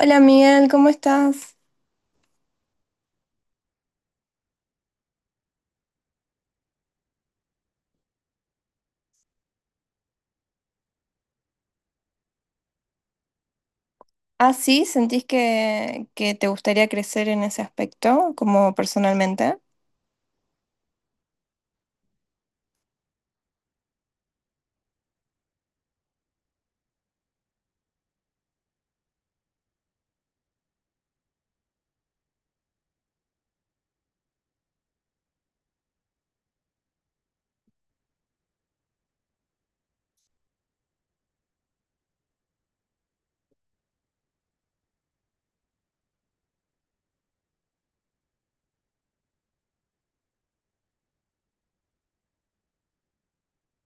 Hola Miguel, ¿cómo estás? Ah, sí, ¿sentís que, te gustaría crecer en ese aspecto, como personalmente?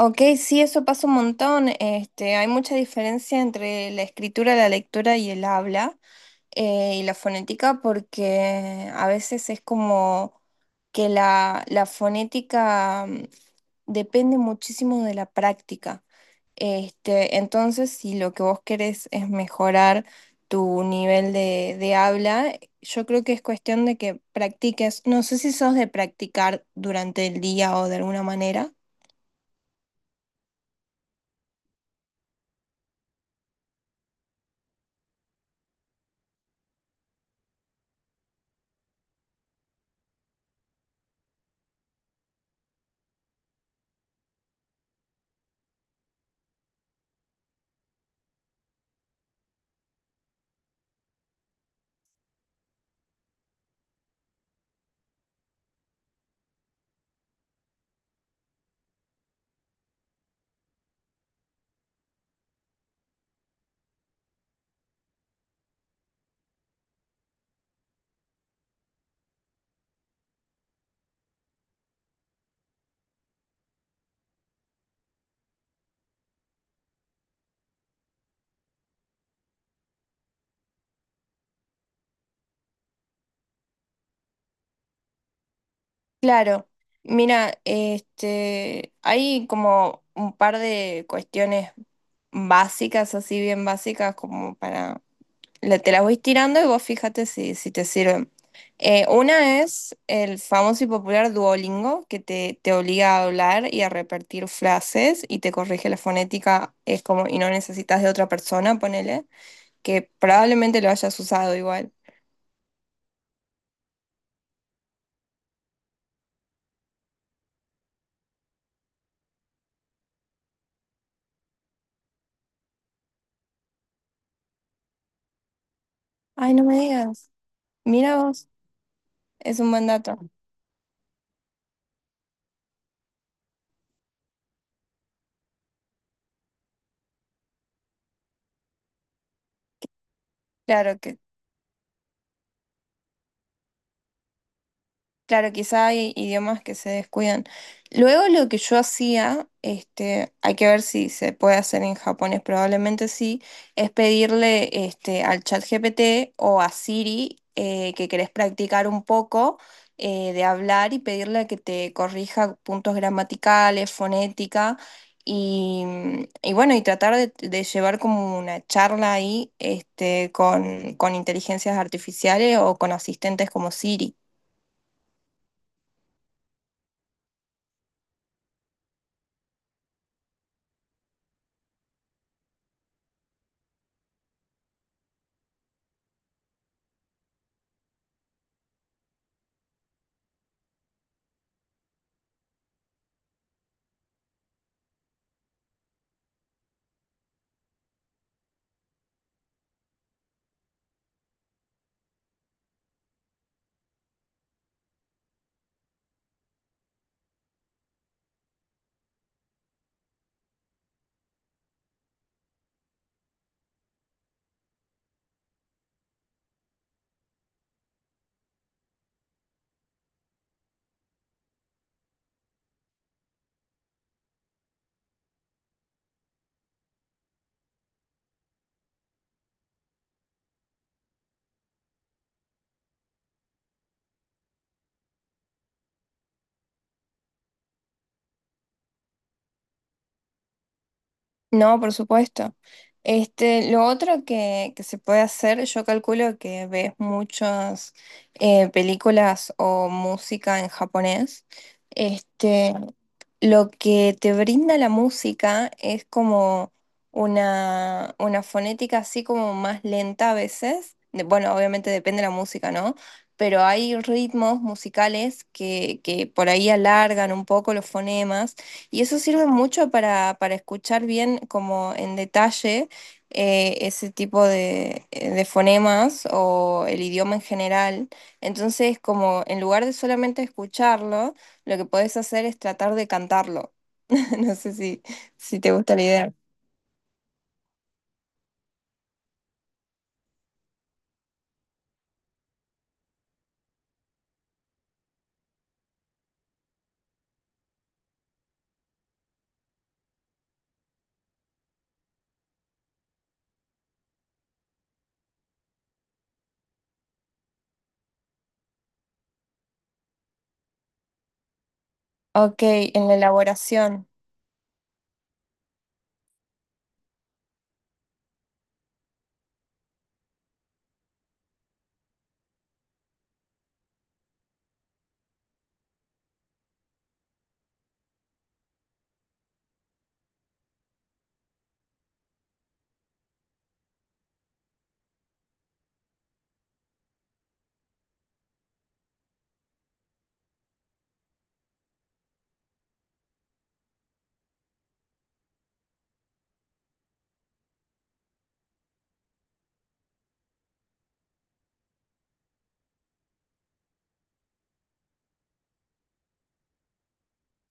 Ok, sí, eso pasa un montón. Este, hay mucha diferencia entre la escritura, la lectura y el habla. Y la fonética porque a veces es como que la fonética depende muchísimo de la práctica. Este, entonces, si lo que vos querés es mejorar tu nivel de habla, yo creo que es cuestión de que practiques. No sé si sos de practicar durante el día o de alguna manera. Claro, mira, este, hay como un par de cuestiones básicas, así bien básicas, como para, te las voy tirando y vos fíjate si, si te sirven. Una es el famoso y popular Duolingo, que te obliga a hablar y a repetir frases y te corrige la fonética, es como, y no necesitas de otra persona, ponele, que probablemente lo hayas usado igual. Ay, no me digas, mira vos, es un buen dato. Claro, que Claro, quizá hay idiomas que se descuidan. Luego lo que yo hacía, este, hay que ver si se puede hacer en japonés, probablemente sí, es pedirle este, al chat GPT o a Siri que querés practicar un poco de hablar y pedirle que te corrija puntos gramaticales, fonética y, y bueno, y tratar de llevar como una charla ahí este, con inteligencias artificiales o con asistentes como Siri. No, por supuesto. Este, lo otro que se puede hacer, yo calculo que ves muchas películas o música en japonés. Este, lo que te brinda la música es como una fonética así como más lenta a veces. De- bueno, obviamente depende de la música, ¿no? Pero hay ritmos musicales que por ahí alargan un poco los fonemas. Y eso sirve mucho para escuchar bien como en detalle ese tipo de fonemas o el idioma en general. Entonces, como en lugar de solamente escucharlo, lo que podés hacer es tratar de cantarlo. No sé si, si te gusta la idea. Ok, en la elaboración.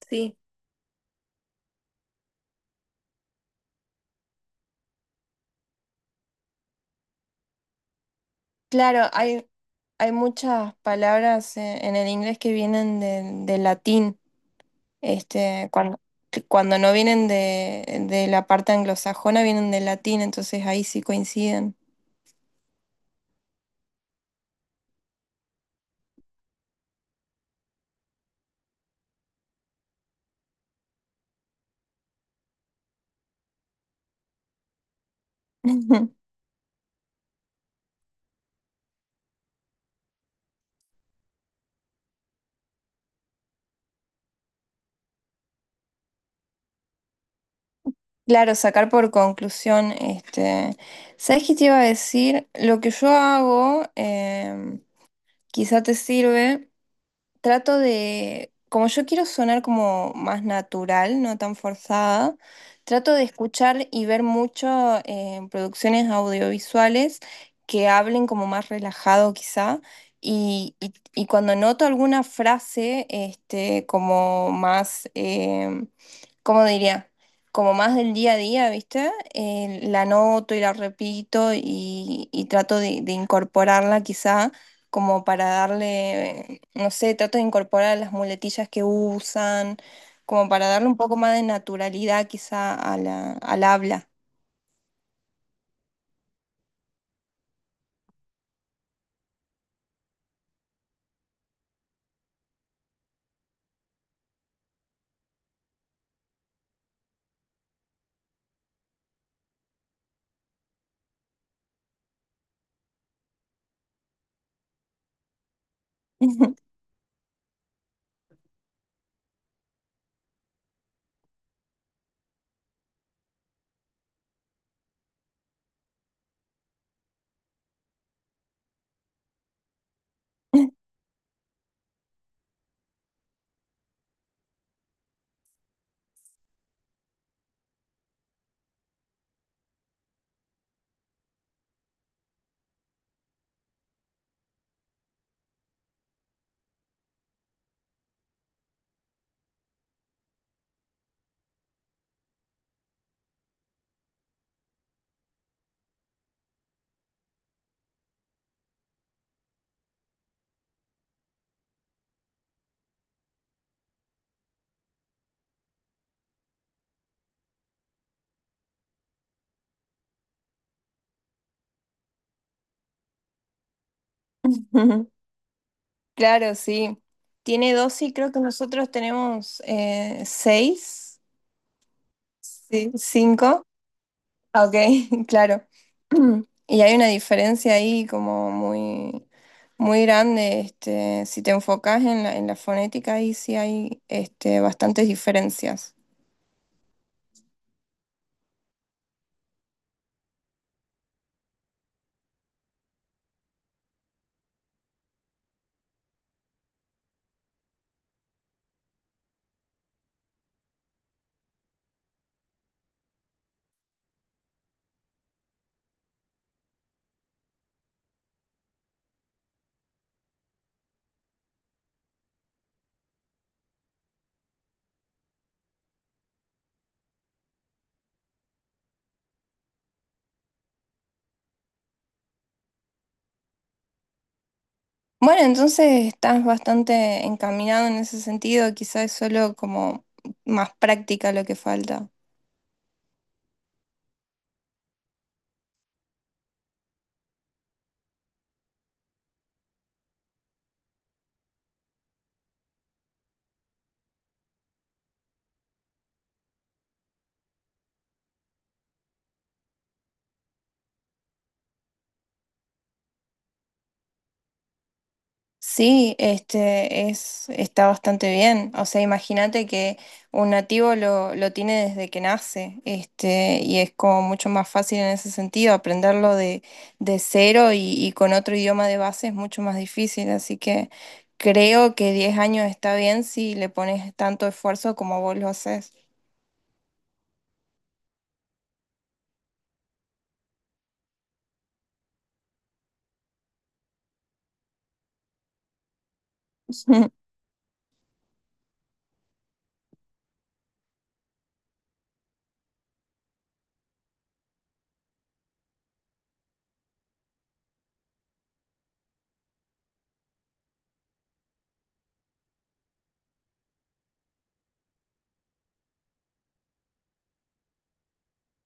Sí. Claro, hay muchas palabras en el inglés que vienen del latín. Este, cuando, cuando no vienen de la parte anglosajona, vienen del latín, entonces ahí sí coinciden. Claro, sacar por conclusión, este, ¿sabes qué te iba a decir? Lo que yo hago, quizá te sirve. Trato de, como yo quiero sonar como más natural, no tan forzada, trato de escuchar y ver mucho producciones audiovisuales que hablen como más relajado quizá. Y, y cuando noto alguna frase, este, como más, ¿cómo diría? Como más del día a día, ¿viste? La noto y la repito y trato de incorporarla quizá como para darle, no sé, trato de incorporar las muletillas que usan, como para darle un poco más de naturalidad quizá a la, al habla. Claro, sí. Tiene dos y creo que nosotros tenemos seis, sí, cinco. Ah, ok, claro. Y hay una diferencia ahí como muy, muy grande. Este, si te enfocas en la fonética, ahí sí hay este, bastantes diferencias. Bueno, entonces estás bastante encaminado en ese sentido, quizás es solo como más práctica lo que falta. Sí, este es, está bastante bien. O sea, imagínate que un nativo lo tiene desde que nace, este, y es como mucho más fácil en ese sentido, aprenderlo de cero y con otro idioma de base es mucho más difícil. Así que creo que 10 años está bien si le pones tanto esfuerzo como vos lo haces.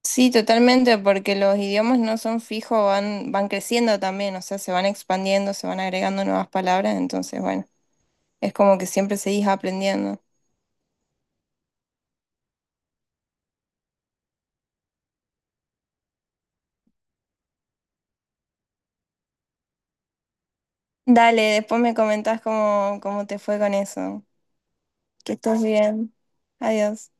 Sí, totalmente, porque los idiomas no son fijos, van, van creciendo también, o sea, se van expandiendo, se van agregando nuevas palabras, entonces, bueno, es como que siempre seguís aprendiendo. Dale, después me comentás cómo, cómo te fue con eso. Que estés bien. Adiós.